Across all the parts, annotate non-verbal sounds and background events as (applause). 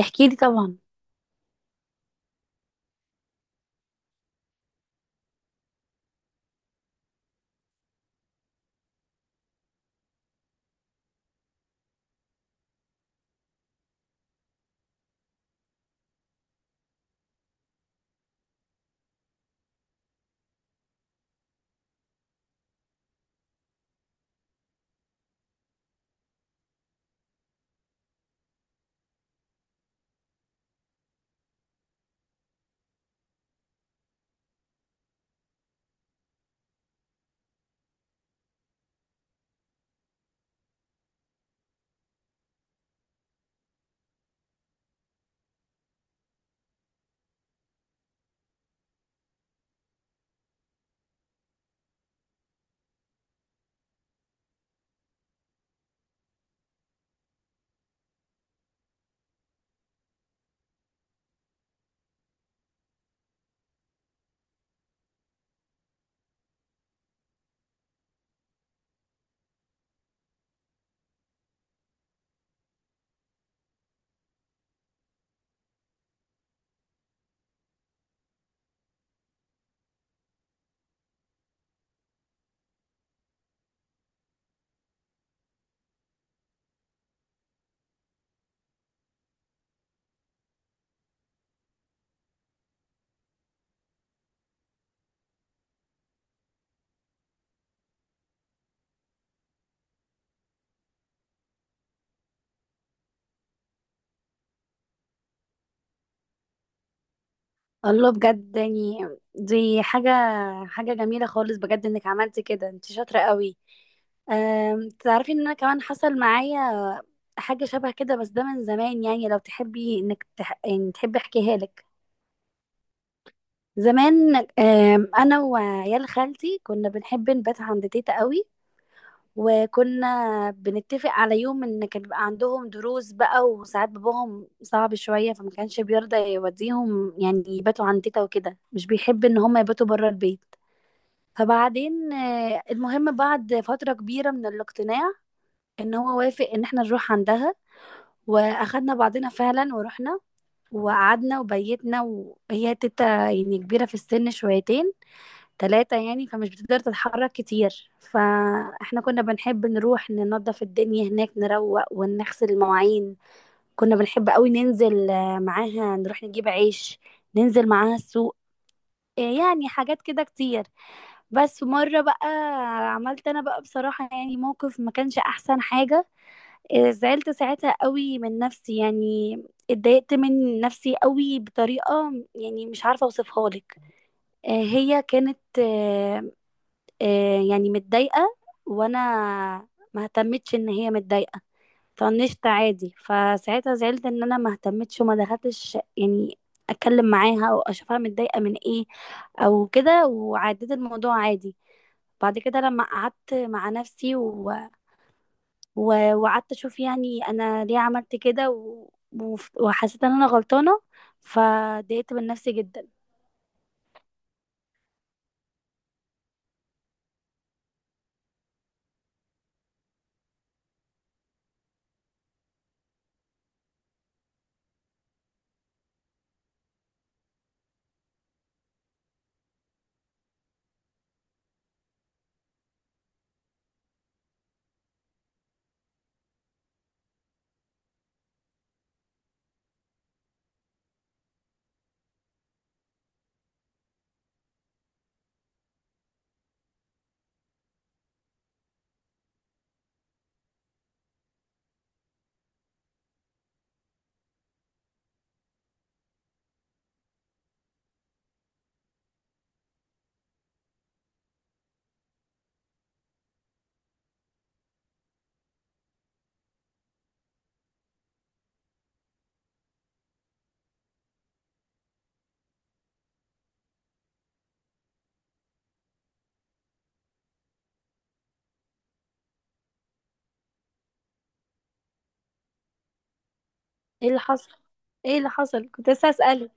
احكي لي طبعا. الله، بجد يعني، دي حاجة جميلة خالص، بجد انك عملتي كده، انت شاطرة قوي. تعرفي ان انا كمان حصل معايا حاجة شبه كده، بس ده من زمان يعني. لو تحبي انك تح... يعني تحبي احكيها لك. زمان، انا وعيال خالتي كنا بنحب نبات عند تيتا قوي. وكنا بنتفق على يوم ان كان بيبقى عندهم دروس بقى، وساعات باباهم صعب شوية، فما كانش بيرضى يوديهم يعني يباتوا عند تيتا وكده، مش بيحب ان هم يباتوا بره البيت. فبعدين المهم، بعد فترة كبيرة من الاقتناع، ان هو وافق ان احنا نروح عندها، واخدنا بعضنا فعلا ورحنا، وقعدنا وبيتنا. وهي تيتا يعني كبيرة في السن شويتين تلاتة يعني، فمش بتقدر تتحرك كتير، فاحنا كنا بنحب نروح ننظف الدنيا هناك، نروق ونغسل المواعين. كنا بنحب قوي ننزل معاها نروح نجيب عيش، ننزل معاها السوق، يعني حاجات كده كتير. بس مرة بقى عملت انا بقى بصراحة يعني موقف ما كانش احسن حاجة. زعلت ساعتها قوي من نفسي يعني، اتضايقت من نفسي قوي بطريقة يعني مش عارفة اوصفها لك. آه، هي كانت آه، آه، يعني متضايقة، وانا ما اهتمتش ان هي متضايقة، طنشت عادي. فساعتها زعلت ان انا ما اهتمتش وما دخلتش يعني اتكلم معاها او اشوفها متضايقة من ايه او كده، وعديت الموضوع عادي. بعد كده لما قعدت مع نفسي وقعدت اشوف يعني انا ليه عملت كده، وحسيت ان انا غلطانة، فضايقت من نفسي جدا. ايه اللي حصل؟ ايه اللي حصل؟ كنت لسه اسألك.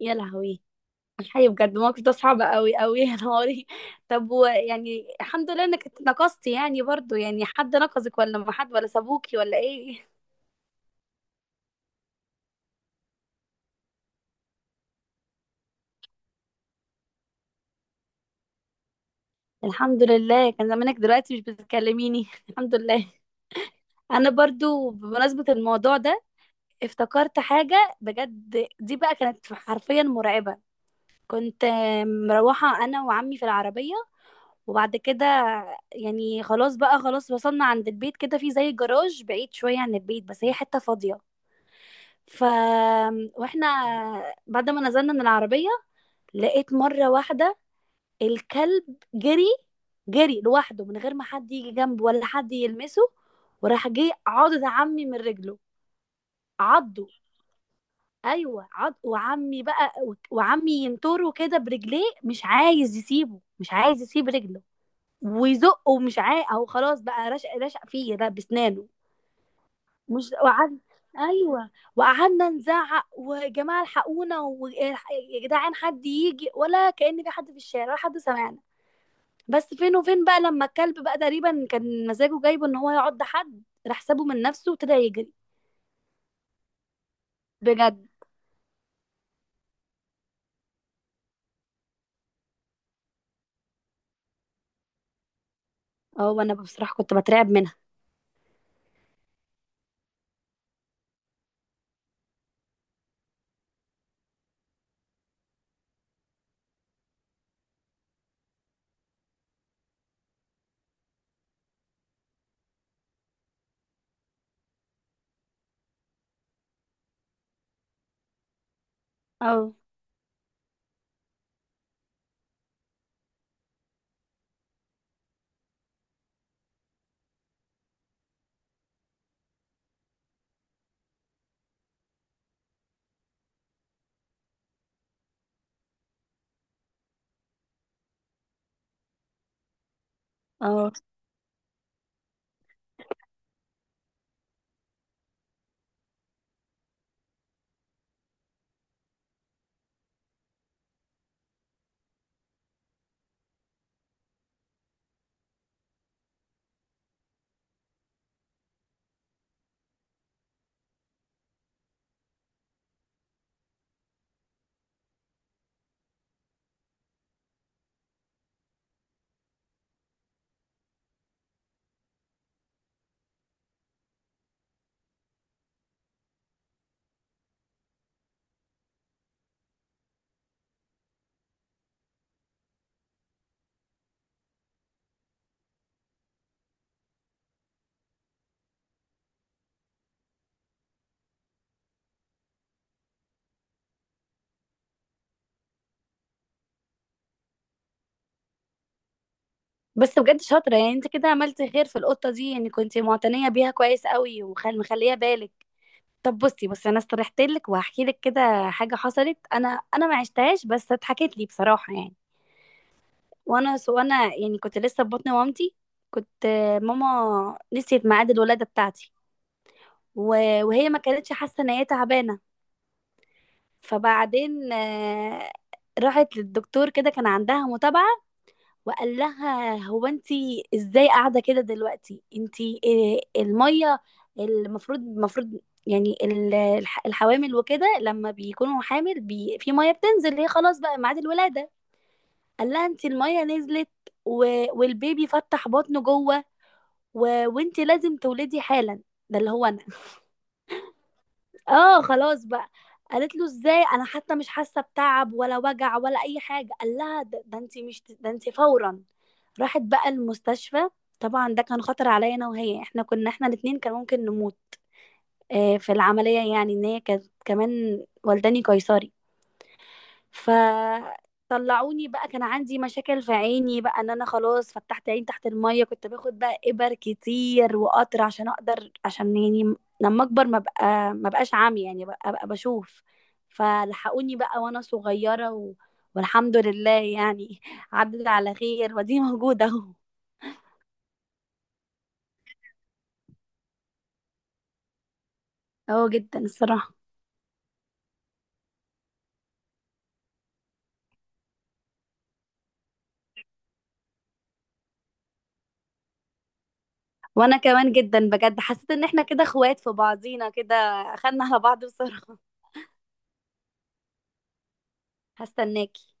يا لهوي، الحقيقة بجد الموقف ده صعب قوي قوي، يا نهاري. (laughs) طب ويعني الحمد لله انك اتنقصتي يعني، برضو يعني حد نقصك ولا ما حد ولا سابوكي ولا ايه؟ الحمد لله، كان زمانك دلوقتي مش بتكلميني. (laughs) الحمد لله. انا برضو بمناسبة الموضوع ده افتكرت حاجة بجد، دي بقى كانت حرفيا مرعبة. كنت مروحة انا وعمي في العربية، وبعد كده يعني خلاص بقى، خلاص وصلنا عند البيت، كده في زي جراج بعيد شوية عن البيت، بس هي حتة فاضية. ف واحنا بعد ما نزلنا من العربية، لقيت مرة واحدة الكلب جري، جري لوحده من غير ما حد يجي جنبه ولا حد يلمسه، وراح جه عض عمي من رجله. عضه؟ ايوه عض. وعمي بقى، وعمي ينطره كده برجليه، مش عايز يسيبه، مش عايز يسيب رجله ويزقه، مش عايز. او خلاص بقى، رشق، رشق فيه ده بسنانه. مش وقعدنا، ايوه وقعدنا نزعق: ويا جماعه الحقونا، ويا جدعان حد يجي، ولا كأن في حد في الشارع، ولا حد سمعنا. بس فين وفين بقى لما الكلب بقى تقريبا كان مزاجه جايبه ان هو يعض حد، راح سابه من نفسه وابتدى يجري. بجد. اه، وانا بصراحه كنت بترعب منها. اه. اه، بس بجد شاطره يعني، انت كده عملت خير في القطه دي، يعني كنت معتنيه بيها كويس قوي ومخليه بالك. طب بصي، انا استرحت لك وهحكي لك كده حاجه حصلت، انا انا ما عشتهاش بس اتحكت لي بصراحه يعني. وانا سو انا يعني كنت لسه في بطن مامتي. كنت ماما نسيت ميعاد الولاده بتاعتي، وهي ما كانتش حاسه ان هي تعبانه. فبعدين راحت للدكتور كده، كان عندها متابعه، وقال لها هو: انت ازاي قاعده كده دلوقتي؟ انت إيه الميه؟ المفروض يعني الحوامل وكده لما بيكونوا حامل بي، في ميه بتنزل، هي خلاص بقى ميعاد الولاده. قال لها: انت الميه نزلت، و... والبيبي فتح بطنه جوه، و... وانت لازم تولدي حالا. ده اللي هو انا. اه خلاص بقى، قالت له: ازاي؟ انا حتى مش حاسه بتعب ولا وجع ولا اي حاجه. قال لها: ده، انت مش، ده انت فورا. راحت بقى المستشفى. طبعا ده كان خطر عليا انا وهي، احنا كنا احنا الاتنين كان ممكن نموت. آه في العمليه، يعني ان هي كانت كمان والداني قيصري. فطلعوني بقى، كان عندي مشاكل في عيني بقى، ان انا خلاص فتحت عين تحت المية، كنت باخد بقى ابر كتير وقطر عشان اقدر، عشان يعني لما اكبر ما بقى ما بقاش عامي يعني، بقى بشوف. فلحقوني بقى وانا صغيرة والحمد لله يعني (laughs) عدت على خير، ودي موجودة اهو. اهو، جدا الصراحة. وانا كمان جدا، بجد حسيت ان احنا كده اخوات في بعضينا كده، اخدنا على بعض بصراحة. هستناكي.